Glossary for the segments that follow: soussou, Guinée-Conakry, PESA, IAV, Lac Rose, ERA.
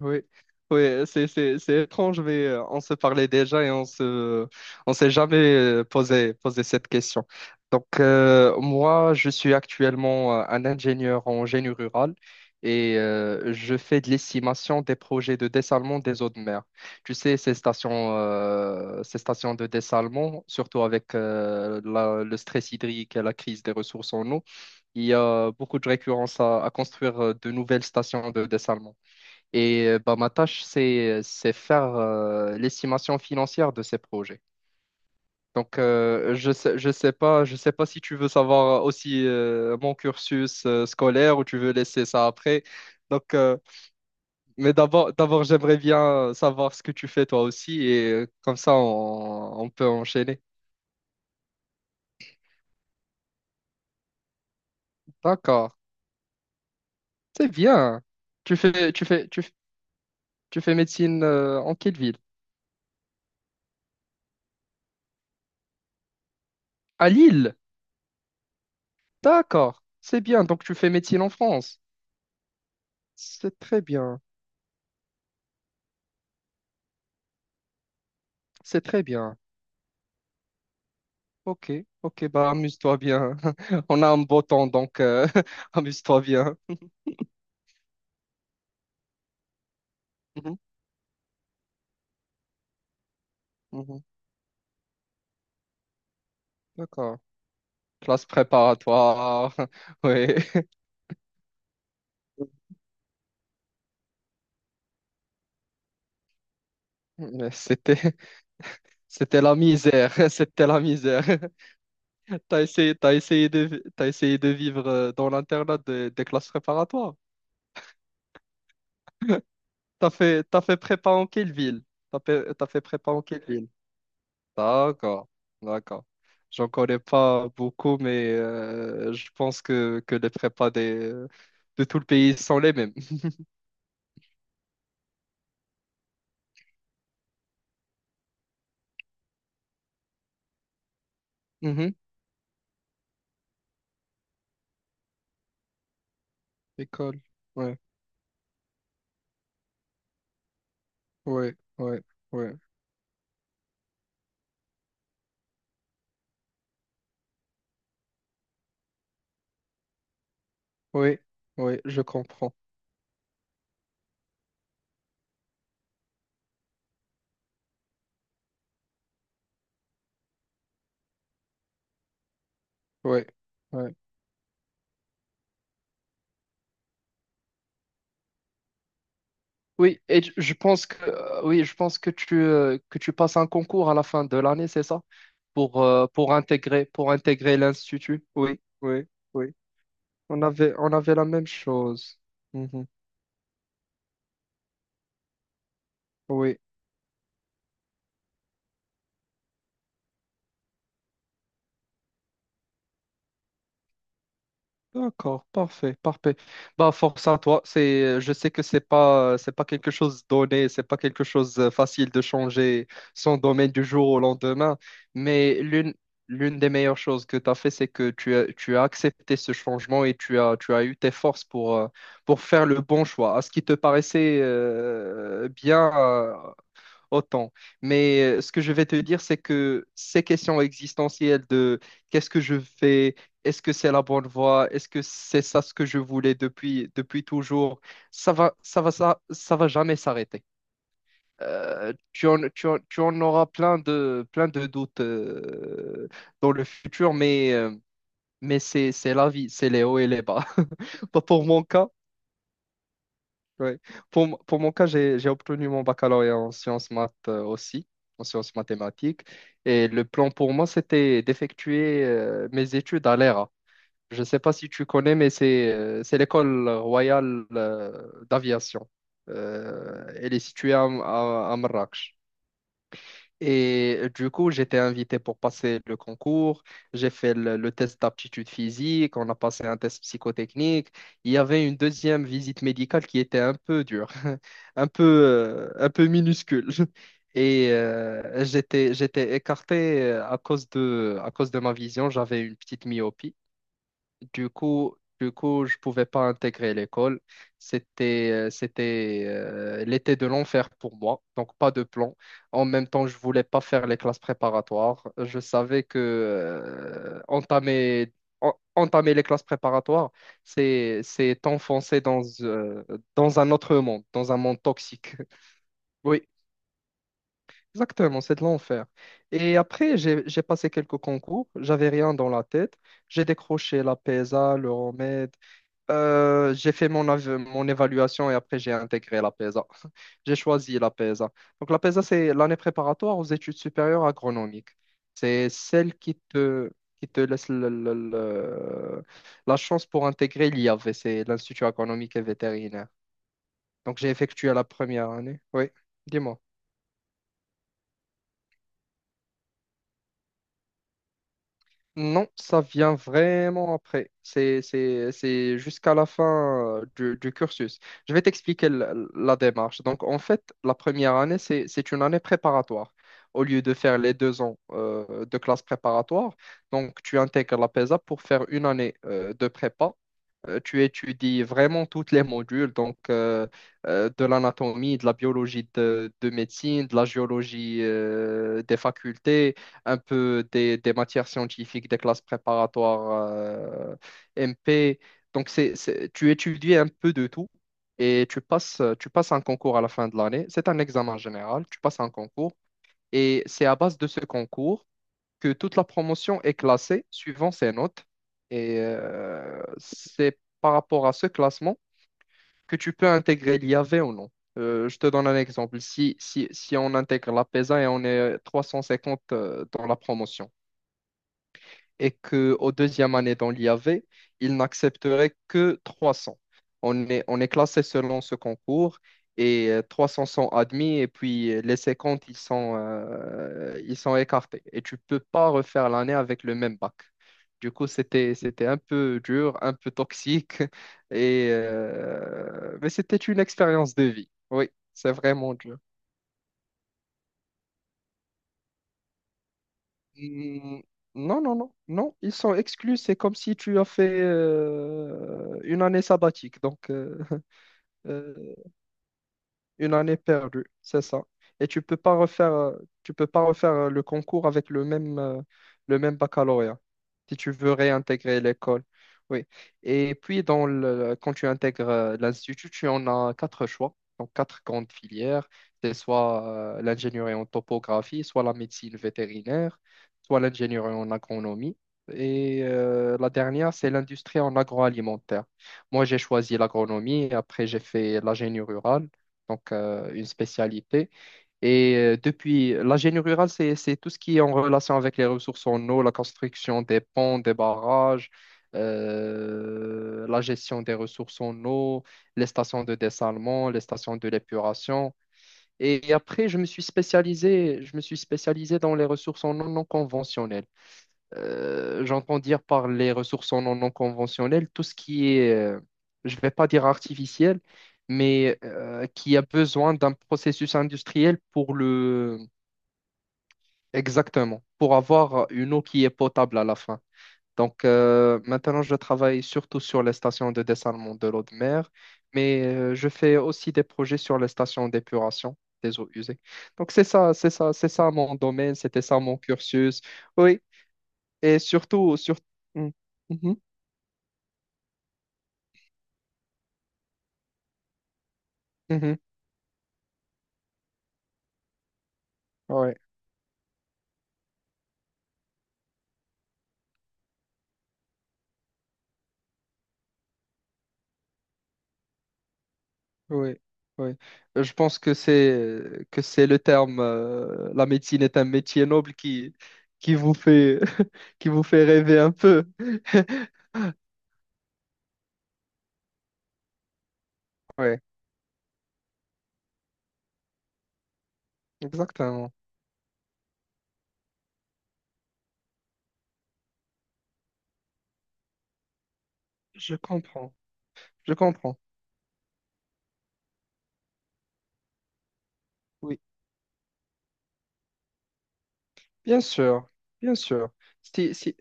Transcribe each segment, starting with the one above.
Oui, oui, c'est étrange, mais on se parlait déjà et on s'est jamais posé cette question. Moi, je suis actuellement un ingénieur en génie rural et je fais de l'estimation des projets de dessalement des eaux de mer. Tu sais, ces stations de dessalement, surtout avec le stress hydrique et la crise des ressources en eau, il y a beaucoup de récurrence à construire de nouvelles stations de dessalement. Et bah, ma tâche, c'est faire l'estimation financière de ces projets. Je sais pas si tu veux savoir aussi mon cursus scolaire ou tu veux laisser ça après. Donc, euh, mais d'abord, j'aimerais bien savoir ce que tu fais toi aussi et comme ça, on peut enchaîner. D'accord, c'est bien. Tu fais, tu fais, tu, f- tu fais médecine en quelle ville? À Lille. D'accord, c'est bien. Donc, tu fais médecine en France. C'est très bien. C'est très bien. Ok, ok, bah amuse-toi bien. On a un beau temps, donc amuse-toi bien. Mhm, mhm, d'accord. Classe préparatoire. Oui. Mais C'était, C'était la misère. C'était la misère. T'as essayé de vivre dans l'internat des classes préparatoires. T'as fait prépa en quelle ville? T'as fait prépa en quelle ville? D'accord, d'accord. J'en connais pas beaucoup, mais je pense que les prépas des, de tout le pays sont les mêmes. Mhm. École. Ouais, ouais, ouais, ouais, oui, oui, je comprends. Ouais, ouais. Oui, et je pense que oui, je pense que tu passes un concours à la fin de l'année, c'est ça? Pour intégrer l'institut. Oui, oui, oui. On avait la même chose. Mhm. Oui. D'accord, parfait, parfait. Bah, force à toi. Je sais que c'est pas quelque chose donné, c'est pas quelque chose facile de changer son domaine du jour au lendemain. Mais l'une, L'une des meilleures choses que tu as fait, c'est que tu as accepté ce changement et tu as eu tes forces pour faire le bon choix. À ce qui te paraissait bien, autant. Mais ce que je vais te dire, c'est que ces questions existentielles de qu'est-ce que je fais, est-ce que c'est la bonne voie, est-ce que c'est ça ce que je voulais depuis, depuis toujours, ça va jamais s'arrêter. Tu en auras plein plein de doutes dans le futur, mais c'est la vie, c'est les hauts et les bas. Pas pour mon cas. Ouais. Pour mon cas, j'ai obtenu mon baccalauréat en sciences maths aussi, en sciences mathématiques. Et le plan pour moi, c'était d'effectuer mes études à l'ERA. Je ne sais pas si tu connais, mais c'est l'école royale d'aviation. Elle est située à Marrakech. Et du coup, j'étais invité pour passer le concours. J'ai fait le test d'aptitude physique. On a passé un test psychotechnique. Il y avait une deuxième visite médicale qui était un peu dure, un peu minuscule. Et j'étais écarté à cause de ma vision. J'avais une petite myopie. Du coup, je pouvais pas intégrer l'école. C'était l'été de l'enfer pour moi, donc pas de plan. En même temps, je voulais pas faire les classes préparatoires. Je savais que entamer les classes préparatoires, c'est t'enfoncer dans, dans un autre monde, dans un monde toxique. Oui, exactement, c'est de l'enfer. Et après, j'ai passé quelques concours. J'avais rien dans la tête. J'ai décroché la PESA, le remède. J'ai fait mon évaluation et après j'ai intégré la PESA. J'ai choisi la PESA. Donc la PESA, c'est l'année préparatoire aux études supérieures agronomiques. C'est celle qui te laisse la chance pour intégrer l'IAV, c'est l'Institut agronomique et vétérinaire. Donc j'ai effectué la première année. Oui, dis-moi. Non, ça vient vraiment après. C'est jusqu'à la fin du cursus. Je vais t'expliquer la démarche. Donc, en fait, la première année, c'est une année préparatoire. Au lieu de faire les deux ans de classe préparatoire, donc tu intègres la PESA pour faire une année de prépa Tu étudies vraiment toutes les modules, de l'anatomie, de la biologie de médecine, de la géologie des facultés, un peu des matières scientifiques, des classes préparatoires MP. Tu étudies un peu de tout et tu passes un concours à la fin de l'année. C'est un examen général, tu passes un concours et c'est à base de ce concours que toute la promotion est classée suivant ses notes. Et c'est par rapport à ce classement que tu peux intégrer l'IAV ou non. Je te donne un exemple. Si on intègre la PESA et on est 350 dans la promotion, et qu'au deuxième année dans l'IAV, ils n'accepteraient que 300. On est classé selon ce concours et 300 sont admis et puis les 50, ils sont écartés. Et tu peux pas refaire l'année avec le même bac. Du coup, c'était un peu dur, un peu toxique, mais c'était une expérience de vie. Oui, c'est vraiment dur. Mm, Non, non, non, non, ils sont exclus. C'est comme si tu as fait une année sabbatique. Une année perdue, c'est ça. Et tu peux pas refaire le concours avec le même baccalauréat si tu veux réintégrer l'école. Oui. Et puis dans le, quand tu intègres l'institut, tu en as quatre choix, donc quatre grandes filières. C'est soit l'ingénierie en topographie, soit la médecine vétérinaire, soit l'ingénierie en agronomie. Et la dernière, c'est l'industrie en agroalimentaire. Moi, j'ai choisi l'agronomie, et après j'ai fait l'ingénierie rurale donc une spécialité. Et depuis, la génie rurale, c'est tout ce qui est en relation avec les ressources en eau, la construction des ponts, des barrages, la gestion des ressources en eau, les stations de dessalement, les stations de l'épuration. Et après, je me suis spécialisé dans les ressources en eau non conventionnelles. J'entends dire par les ressources non conventionnelles, tout ce qui est, je ne vais pas dire artificiel, mais qui a besoin d'un processus industriel pour le... Exactement, pour avoir une eau qui est potable à la fin. Donc maintenant, je travaille surtout sur les stations de dessalement de l'eau de mer, mais je fais aussi des projets sur les stations d'épuration des eaux usées. Donc c'est ça mon domaine, c'était ça mon cursus. Oui, et surtout, sur... Mm. Mhm. Mhm. Ouais, ouais, ouais. Je pense que c'est le terme. La médecine est un métier noble qui vous fait qui vous fait rêver un peu. Ouais, exactement. Je comprends. Je comprends. Oui, bien sûr, bien sûr. Si, si-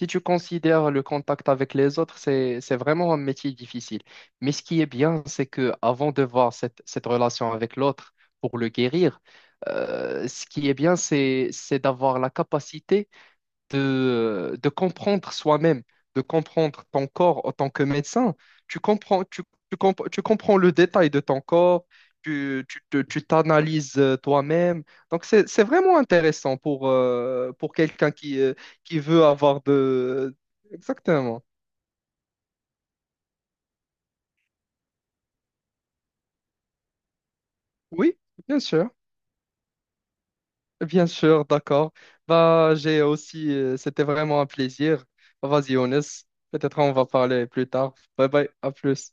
Si tu considères le contact avec les autres, c'est vraiment un métier difficile. Mais ce qui est bien, c'est que avant de voir cette relation avec l'autre pour le guérir, ce qui est bien, c'est d'avoir la capacité de comprendre soi-même, de comprendre ton corps en tant que médecin. Tu comprends, tu comp- tu comprends le détail de ton corps, tu t'analyses toi-même. Donc, c'est vraiment intéressant pour quelqu'un qui veut avoir de... Exactement. Oui, bien sûr. Bien sûr, d'accord. Bah, j'ai aussi, c'était vraiment un plaisir. Vas-y, Younes, peut-être on va parler plus tard. Bye bye, à plus.